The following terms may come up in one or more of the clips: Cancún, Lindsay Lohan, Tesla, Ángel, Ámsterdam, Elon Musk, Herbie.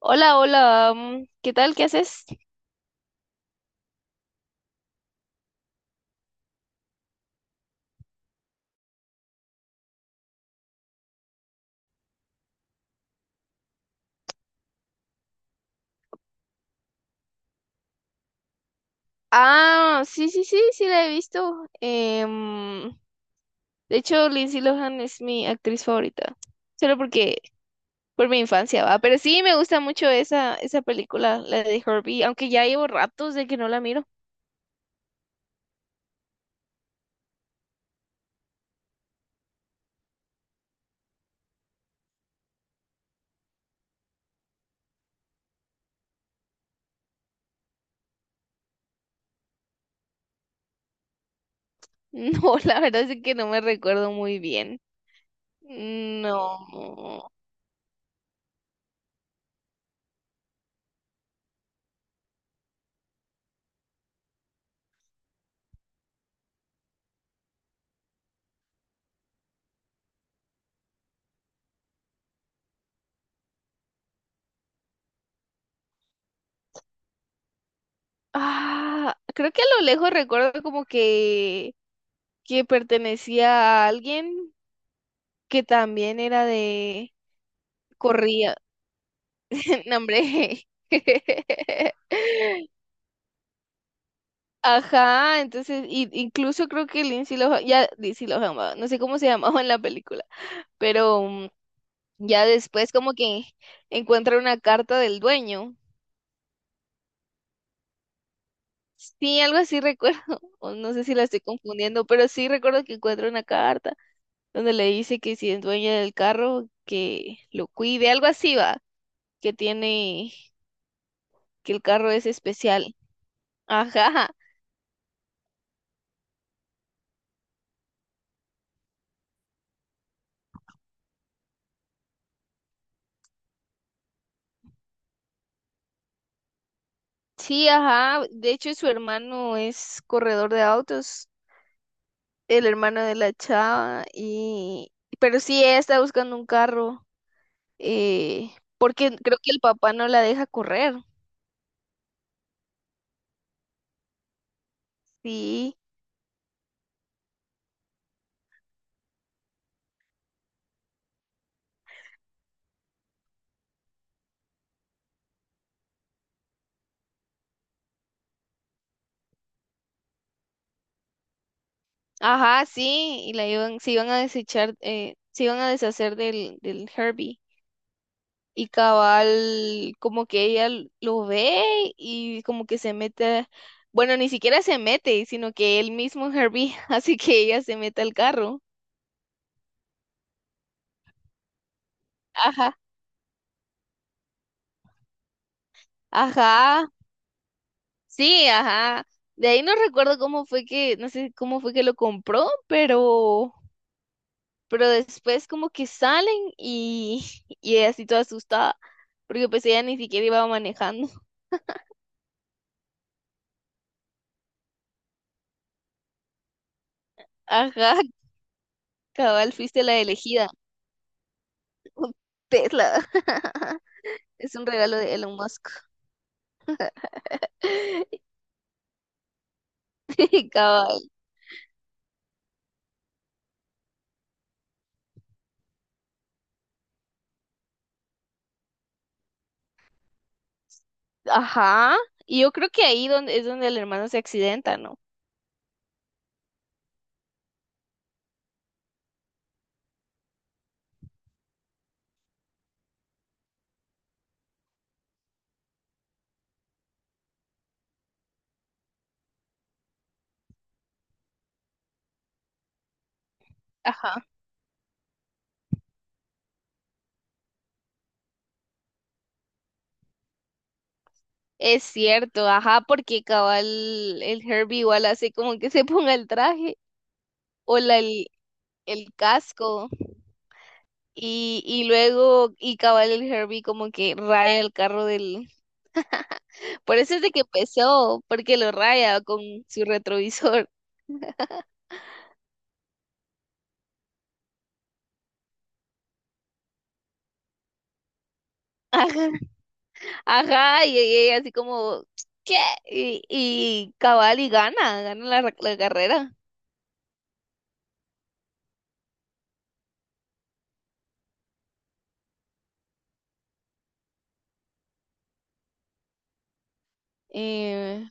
Hola, hola, ¿qué tal? ¿Qué haces? Ah, sí, sí, sí, sí la he visto. De hecho, Lindsay Lohan es mi actriz favorita, solo porque por mi infancia va, pero sí me gusta mucho esa película, la de Herbie, aunque ya llevo ratos de que no la miro. No, la verdad es que no me recuerdo muy bien. No. Ah, creo que a lo lejos recuerdo que pertenecía a alguien que también era de... Corría. No, hombre. Ajá, incluso creo que Lindsay Lohan, va, no sé cómo se llamaba en la película, pero ya después como que encuentra una carta del dueño. Sí, algo así recuerdo, o no sé si la estoy confundiendo, pero sí recuerdo que encuentra una carta donde le dice que si es dueña del carro, que lo cuide, algo así va, que tiene, que el carro es especial. Ajá. Sí, ajá. De hecho, su hermano es corredor de autos, el hermano de la chava, y pero sí ella está buscando un carro, eh, porque creo que el papá no la deja correr. Sí, ajá, sí, y se iban a desechar, se iban a deshacer del Herbie. Y cabal, como que lo ve y como que se mete, bueno, ni siquiera se mete, sino que él mismo Herbie hace que ella se meta al carro. Ajá. Ajá, sí, ajá. De ahí no recuerdo cómo fue que, no sé cómo fue que lo compró, pero después como que salen y, y ella así toda asustada, porque pues ella ni siquiera iba manejando. Ajá, cabal, fuiste la elegida. Un Tesla. Es un regalo de Elon Musk. Cabal. Ajá. Y yo creo que es donde el hermano se accidenta, ¿no? Ajá. Es cierto, ajá, porque cabal el Herbie igual hace como que se ponga el traje o la, el, el casco y luego y cabal el Herbie como que raya el carro del... Por eso es de que empezó, porque lo raya con su retrovisor. Ajá, ajá, y ella así como, ¿qué? Y cabal y gana la carrera. Eh,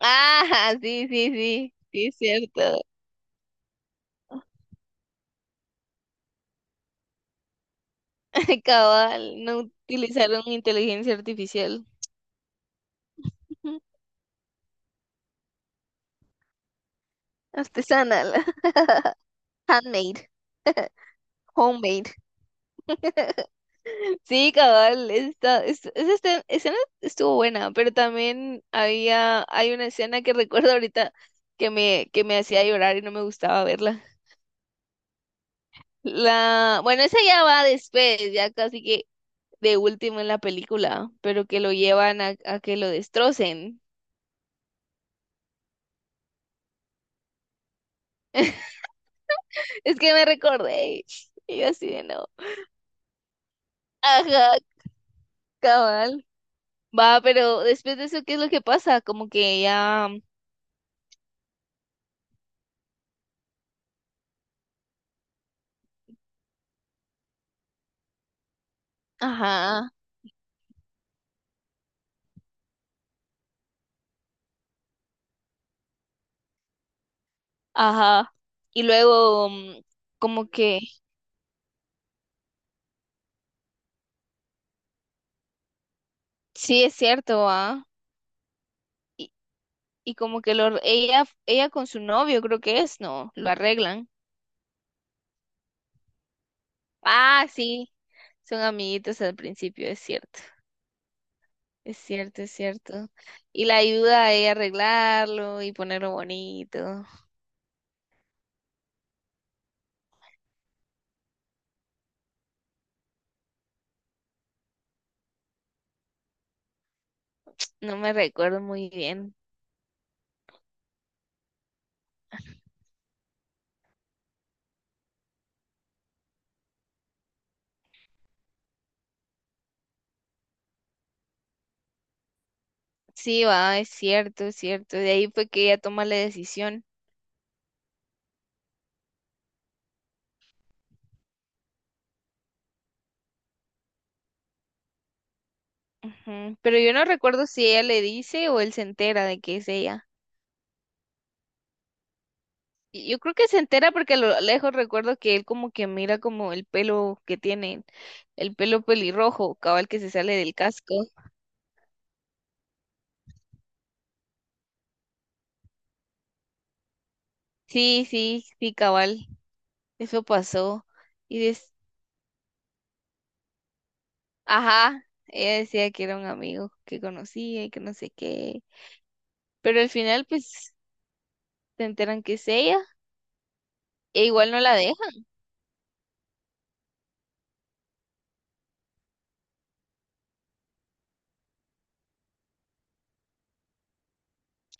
ah, sí, sí, sí, sí, es cierto. Cabal, no utilizaron inteligencia artificial. Artesanal. Handmade. Homemade. Sí, cabal, esa escena estuvo buena, pero también hay una escena que recuerdo ahorita que me hacía llorar y no me gustaba verla. La, bueno, esa ya va después, ya casi que de último en la película, pero que lo llevan a que lo destrocen. Es que me recordé. Y yo así de no. Ajá, cabal. Va, pero después de eso, ¿qué es lo que pasa? Como que ya. Ajá, ajá. Y luego, como que. Sí, es cierto, ¿ah? Y, y como que lo, ella con su novio, creo que es, ¿no? Lo arreglan. Ah, sí. Son amiguitos al principio, es cierto. Es cierto, es cierto. Y la ayuda a ella a arreglarlo y ponerlo bonito. No me recuerdo muy bien. Sí, va, es cierto, es cierto. De ahí fue que ella toma la decisión. Ujú. Pero yo no recuerdo si ella le dice o él se entera de que es ella. Y yo creo que se entera porque a lo lejos recuerdo que él como que mira como el pelo que tiene, el pelo pelirrojo, cabal que se sale del casco. Sí, sí, sí, cabal. Eso pasó. Y des... Ajá, ella decía que era un amigo que conocía y que no sé qué. Pero al final pues se enteran que es ella e igual no la deja.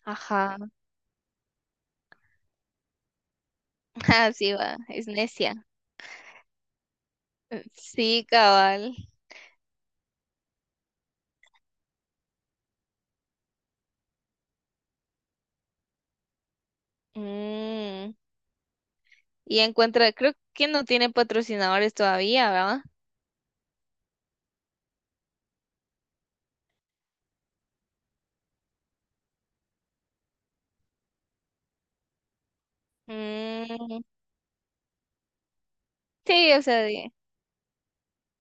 Ajá. Así va, es necia. Sí, cabal. Mm, Y encuentra, creo que no tiene patrocinadores todavía, ¿verdad? Mm, Sí,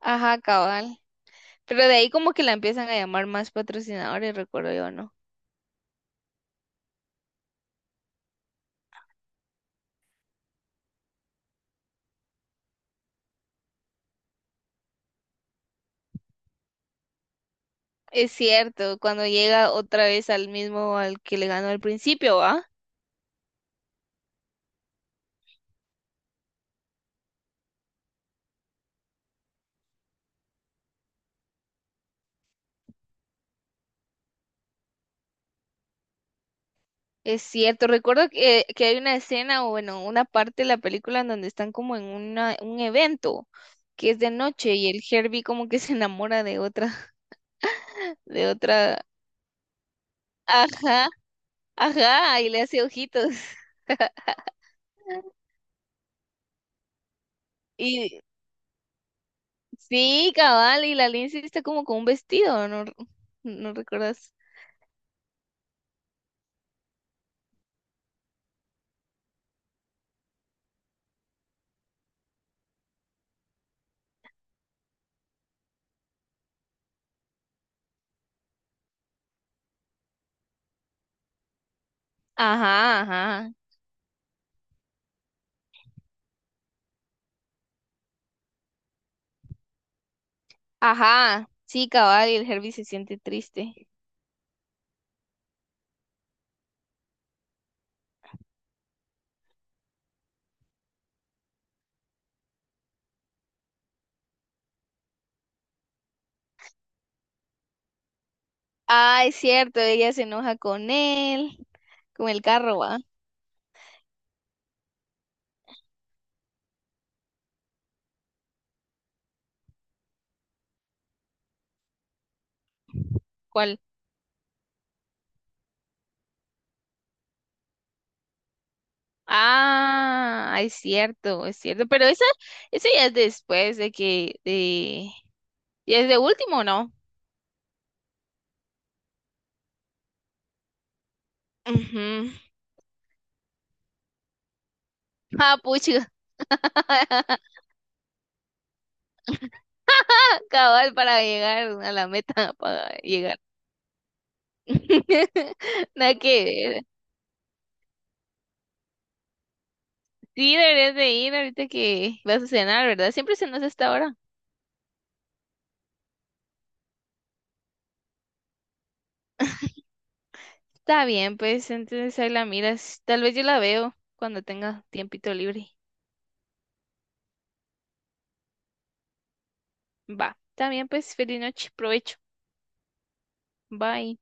ajá, cabal. Pero de ahí como que la empiezan a llamar más patrocinadores, recuerdo yo, ¿no? Es cierto, cuando llega otra vez al mismo al que le ganó al principio, ¿va? Es cierto, recuerdo que hay una escena o bueno, una parte de la película en donde están como en un evento que es de noche y el Herbie como que se enamora de otra, ajá, ajá, y le hace ojitos. Y sí, cabal, y la Lindsay está como con un vestido, ¿no? ¿No recuerdas? Ajá, ajá, ajá, sí, cabal, y el Herbie se siente triste. Ah, es cierto, ella se enoja con él, con el carro, ¿va? ¿Cuál? Ah, es cierto, esa ya es después ya es de último, ¿no? Ujú. Ah, pucha. Cabal para llegar a la meta, para llegar. Nada que ver. Sí, deberías de ir ahorita que vas a cenar, ¿verdad? Siempre cenas a esta hora. Está bien, pues entonces ahí la miras. Tal vez yo la veo cuando tenga tiempito libre. Va, está bien, pues feliz noche, provecho. Bye.